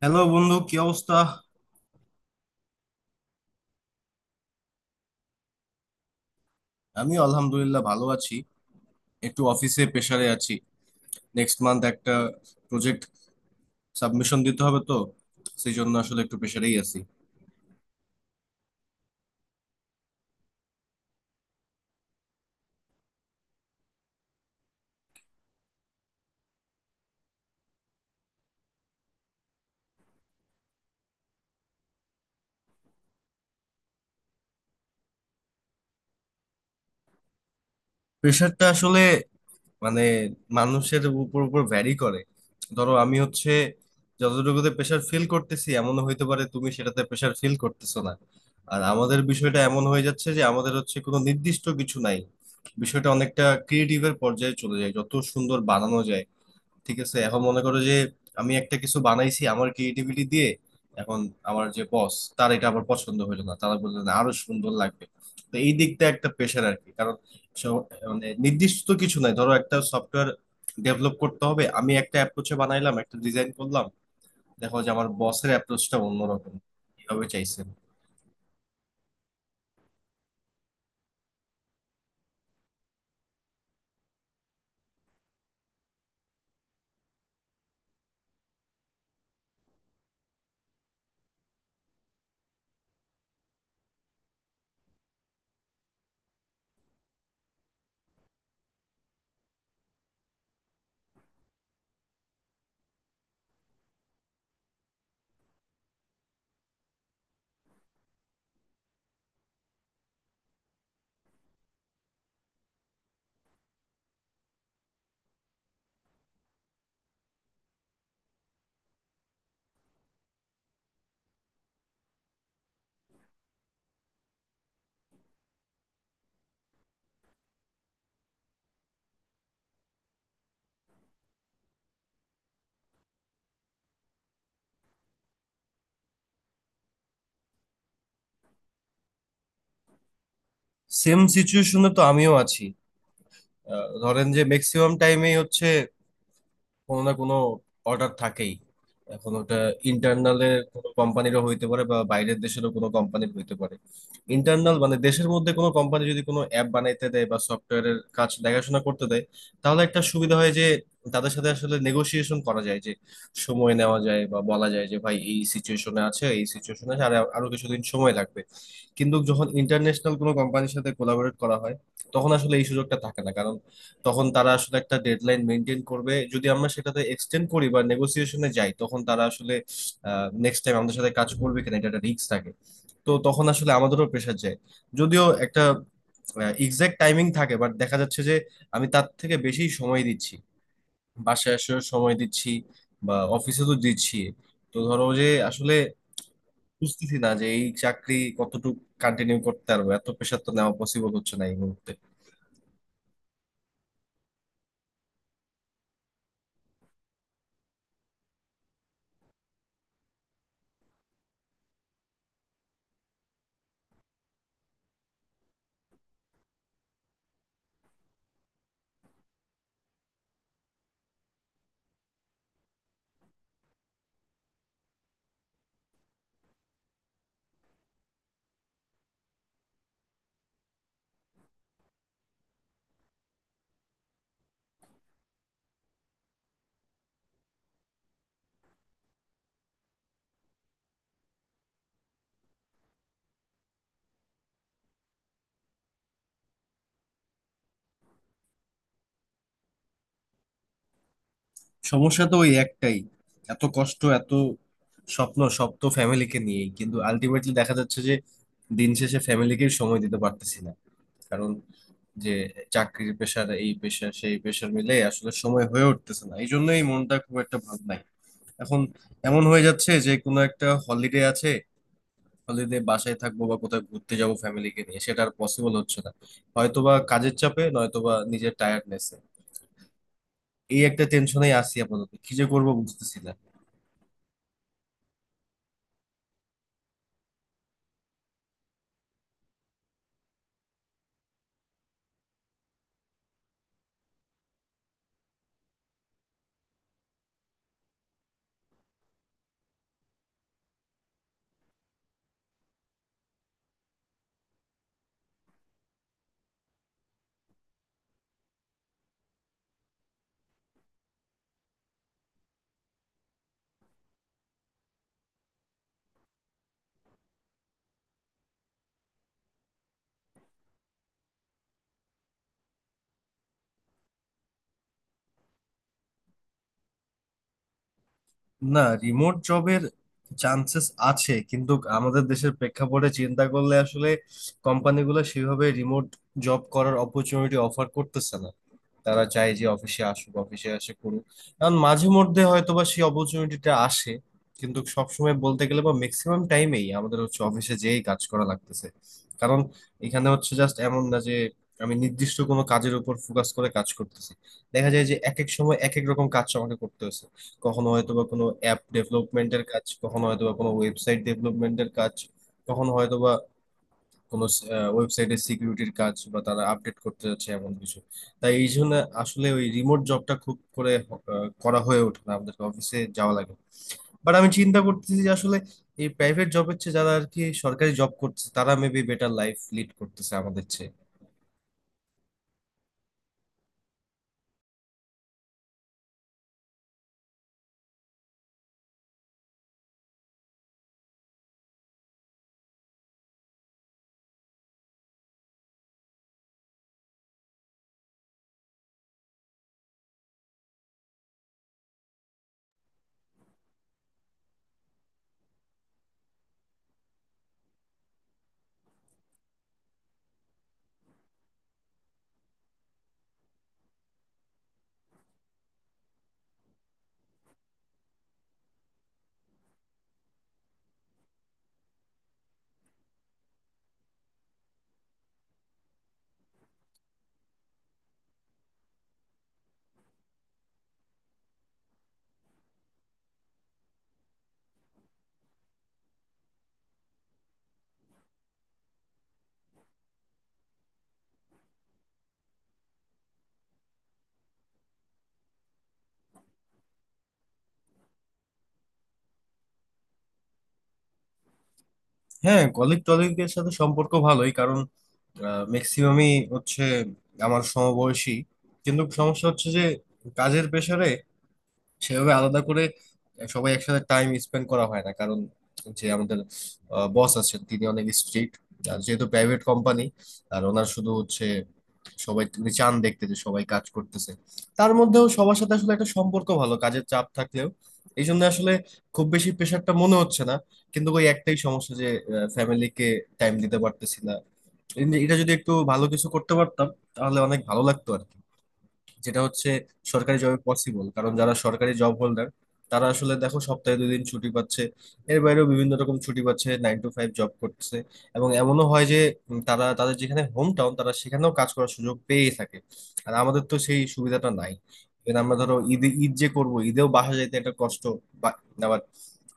Hello বন্ধু, কি অবস্থা? আমি আলহামদুলিল্লাহ ভালো আছি। একটু অফিসে প্রেসারে আছি। নেক্সট মান্থ একটা প্রজেক্ট সাবমিশন দিতে হবে, তো সেই জন্য আসলে একটু প্রেসারেই আছি। প্রেসারটা আসলে মানে মানুষের উপর উপর ভ্যারি করে। ধরো আমি হচ্ছে যতটুকুতে প্রেসার ফিল করতেছি, এমন হইতে পারে তুমি সেটাতে প্রেসার ফিল করতেছো না। আর আমাদের বিষয়টা এমন হয়ে যাচ্ছে যে আমাদের হচ্ছে কোনো নির্দিষ্ট কিছু নাই। বিষয়টা অনেকটা ক্রিয়েটিভের পর্যায়ে চলে যায়, যত সুন্দর বানানো যায়। ঠিক আছে, এখন মনে করো যে আমি একটা কিছু বানাইছি আমার ক্রিয়েটিভিটি দিয়ে। এখন আমার যে বস, তার এটা আবার পছন্দ হইলো না, তারা বললেন আরো সুন্দর লাগবে। তো এই দিকটা একটা প্রেশার আর কি। কারণ সব- নির্দিষ্ট তো কিছু নাই। ধরো একটা সফটওয়্যার ডেভেলপ করতে হবে, আমি একটা অ্যাপ্রোচে বানাইলাম, একটা ডিজাইন করলাম। দেখো যে আমার বসের অ্যাপ্রোচটা অন্যরকম, এভাবে চাইছেন। সেম সিচুয়েশনে তো আমিও আছি। ধরেন যে ম্যাক্সিমাম টাইমেই হচ্ছে কোনো না কোনো অর্ডার থাকেই। এখন ওটা ইন্টারনালের কোনো কোম্পানিরও হইতে পারে বা বাইরের দেশেরও কোনো কোম্পানির হইতে পারে। ইন্টারনাল মানে দেশের মধ্যে কোনো কোম্পানি যদি কোনো অ্যাপ বানাইতে দেয় বা সফটওয়্যারের কাজ দেখাশোনা করতে দেয়, তাহলে একটা সুবিধা হয় যে তাদের সাথে আসলে নেগোসিয়েশন করা যায়, যে সময় নেওয়া যায় বা বলা যায় যে ভাই এই সিচুয়েশনে আছে এই সিচুয়েশনে আছে আর আরো কিছুদিন সময় লাগবে। কিন্তু যখন ইন্টারন্যাশনাল কোনো কোম্পানির সাথে কোলাবোরেট করা হয়, তখন আসলে এই সুযোগটা থাকে না। কারণ তখন তারা আসলে একটা ডেডলাইন মেনটেন করবে, যদি আমরা সেটাতে এক্সটেন্ড করি বা নেগোসিয়েশনে যাই তখন তারা আসলে নেক্সট টাইম আমাদের সাথে কাজ করবে কিনা এটা একটা রিস্ক থাকে। তো তখন আসলে আমাদেরও প্রেশার যায়। যদিও একটা এক্সাক্ট টাইমিং থাকে, বাট দেখা যাচ্ছে যে আমি তার থেকে বেশি সময় দিচ্ছি, বাসায় আসার সময় দিচ্ছি, বা অফিসে তো দিচ্ছি। তো ধরো যে আসলে বুঝতেছি না যে এই চাকরি কতটুকু কন্টিনিউ করতে পারবো, এত প্রেশার তো নেওয়া পসিবল হচ্ছে না এই মুহূর্তে। সমস্যা তো ওই একটাই, এত কষ্ট, এত স্বপ্ন সব তো ফ্যামিলিকে নিয়েই, কিন্তু আলটিমেটলি দেখা যাচ্ছে যে দিন শেষে ফ্যামিলিকে সময় দিতে পারতেছি না। কারণ যে চাকরির পেশার, এই পেশা সেই পেশার মিলে আসলে সময় হয়ে উঠতেছে না, এই জন্যই মনটা খুব একটা ভালো নাই। এখন এমন হয়ে যাচ্ছে যে কোনো একটা হলিডে আছে, হলিডে বাসায় থাকবো বা কোথাও ঘুরতে যাবো ফ্যামিলিকে নিয়ে, সেটা আর পসিবল হচ্ছে না। হয়তোবা কাজের চাপে, নয়তোবা নিজের টায়ার্ডনেসে। এই একটা টেনশনেই আছি, আপাতত কি যে করবো বুঝতেছি না। না, রিমোট জবের চান্সেস আছে, কিন্তু আমাদের দেশের প্রেক্ষাপটে চিন্তা করলে আসলে কোম্পানিগুলো সেভাবে রিমোট জব করার অপরচুনিটি অফার করতেছে না। তারা চায় যে অফিসে আসুক, অফিসে আসে করুক। কারণ মাঝে মধ্যে হয়তোবা সেই অপরচুনিটিটা আসে, কিন্তু সবসময় বলতে গেলে বা ম্যাক্সিমাম টাইমেই আমাদের হচ্ছে অফিসে যেই কাজ করা লাগতেছে। কারণ এখানে হচ্ছে জাস্ট এমন না যে আমি নির্দিষ্ট কোনো কাজের উপর ফোকাস করে কাজ করতেছি। দেখা যায় যে এক এক সময় এক এক রকম কাজ আমাকে করতে হচ্ছে। কখনো হয়তোবা কোনো অ্যাপ ডেভেলপমেন্টের কাজ, কখনো হয়তোবা কোনো ওয়েবসাইট ডেভেলপমেন্টের কাজ, কখনো হয়তোবা কোনো ওয়েবসাইটের সিকিউরিটির কাজ বা তারা আপডেট করতে যাচ্ছে এমন কিছু। তাই এই জন্য আসলে ওই রিমোট জবটা খুব করে করা হয়ে ওঠে না, আমাদেরকে অফিসে যাওয়া লাগে। বাট আমি চিন্তা করতেছি যে আসলে এই প্রাইভেট জবের চেয়ে যারা আর কি সরকারি জব করতেছে তারা মেবি বেটার লাইফ লিড করতেছে আমাদের চেয়ে। হ্যাঁ, কলিগ টলিগের সাথে সম্পর্ক ভালোই। কারণ ম্যাক্সিমামই হচ্ছে আমার সমবয়সী। কিন্তু সমস্যা হচ্ছে যে কাজের প্রেসারে সেভাবে আলাদা করে সবাই একসাথে টাইম স্পেন্ড করা হয় না। কারণ যে আমাদের বস আছেন তিনি অনেক স্ট্রিক্ট, আর যেহেতু প্রাইভেট কোম্পানি, আর ওনার শুধু হচ্ছে সবাই, তিনি চান দেখতে যে সবাই কাজ করতেছে। তার মধ্যেও সবার সাথে আসলে একটা সম্পর্ক ভালো, কাজের চাপ থাকলেও। এই জন্য আসলে খুব বেশি প্রেশারটা মনে হচ্ছে না। কিন্তু ওই একটাই সমস্যা যে ফ্যামিলিকে টাইম দিতে পারতেছি না। এটা যদি একটু ভালো কিছু করতে পারতাম, তাহলে অনেক ভালো লাগতো আর কি। যেটা হচ্ছে সরকারি জবে পসিবল, কারণ যারা সরকারি জব হোল্ডার তারা আসলে দেখো সপ্তাহে 2 দিন ছুটি পাচ্ছে। এর বাইরেও বিভিন্ন রকম ছুটি পাচ্ছে, 9 to 5 জব করছে। এবং এমনও হয় যে তারা তাদের যেখানে হোম টাউন তারা সেখানেও কাজ করার সুযোগ পেয়েই থাকে। আর আমাদের তো সেই সুবিধাটা নাই। এবার আমরা ধরো ঈদ ঈদ যে করবো, ঈদেও বাসা যাইতে একটা কষ্ট, বা- আবার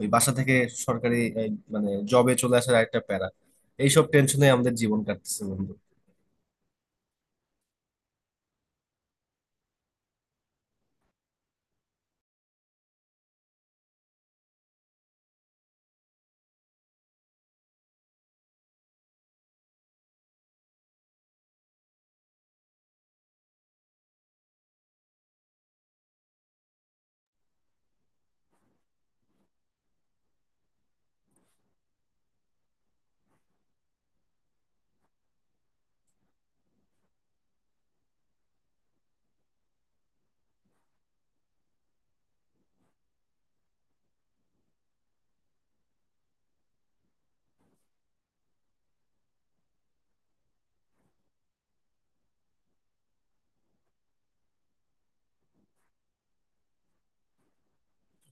ওই বাসা থেকে সরকারি এই, মানে জবে চলে আসার একটা প্যারা। এইসব টেনশনে আমাদের জীবন কাটতেছে বন্ধু।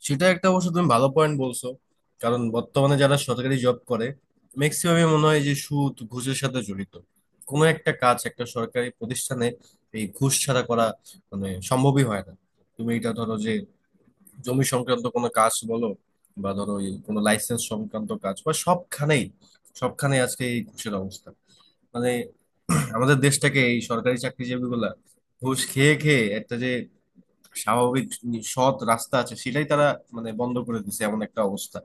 সেটা একটা অবশ্য তুমি ভালো পয়েন্ট বলছো। কারণ বর্তমানে যারা সরকারি জব করে, ম্যাক্সিমামই মনে হয় যে সুদ ঘুষের সাথে জড়িত। কোনো একটা কাজ একটা সরকারি প্রতিষ্ঠানে এই ঘুষ ছাড়া করা মানে সম্ভবই হয় না। তুমি এটা ধরো যে জমি সংক্রান্ত কোনো কাজ বলো, বা ধরো এই কোনো লাইসেন্স সংক্রান্ত কাজ, বা সবখানেই, সবখানেই আজকে এই ঘুষের অবস্থা। মানে আমাদের দেশটাকে এই সরকারি চাকরিজীবীগুলা ঘুষ খেয়ে খেয়ে একটা যে স্বাভাবিক সৎ রাস্তা আছে, সেটাই তারা মানে বন্ধ করে দিছে, এমন একটা অবস্থা।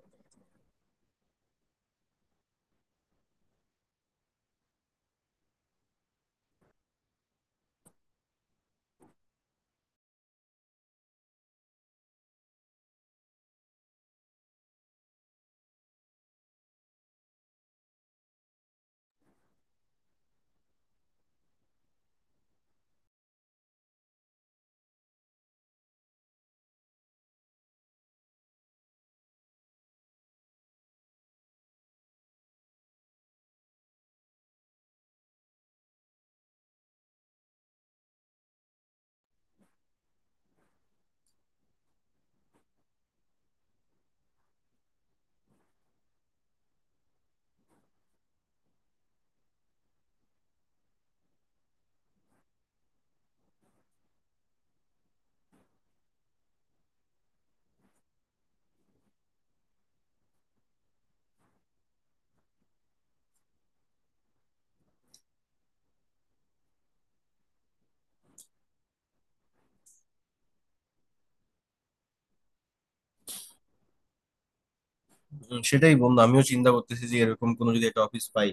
সেটাই বন্ধু, আমিও চিন্তা করতেছি যে এরকম কোনো যদি একটা অফিস পাই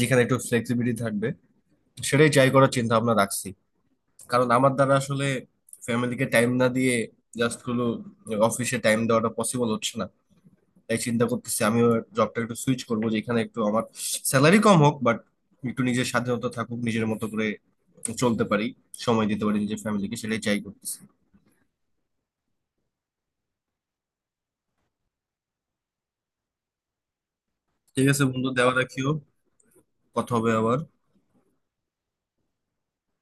যেখানে একটু ফ্লেক্সিবিলিটি থাকবে, সেটাই ট্রাই করার চিন্তা ভাবনা রাখছি। কারণ আমার দ্বারা আসলে ফ্যামিলিকে টাইম না দিয়ে জাস্ট হলো অফিসে টাইম দেওয়াটা পসিবল হচ্ছে না। তাই চিন্তা করতেছি আমিও জবটা একটু সুইচ করবো, যেখানে একটু আমার স্যালারি কম হোক, বাট একটু নিজের স্বাধীনতা থাকুক, নিজের মতো করে চলতে পারি, সময় দিতে পারি নিজের ফ্যামিলিকে। সেটাই ট্রাই করতেছি। ঠিক আছে বন্ধু, দেওয়া রাখিও। কথা হবে আবার।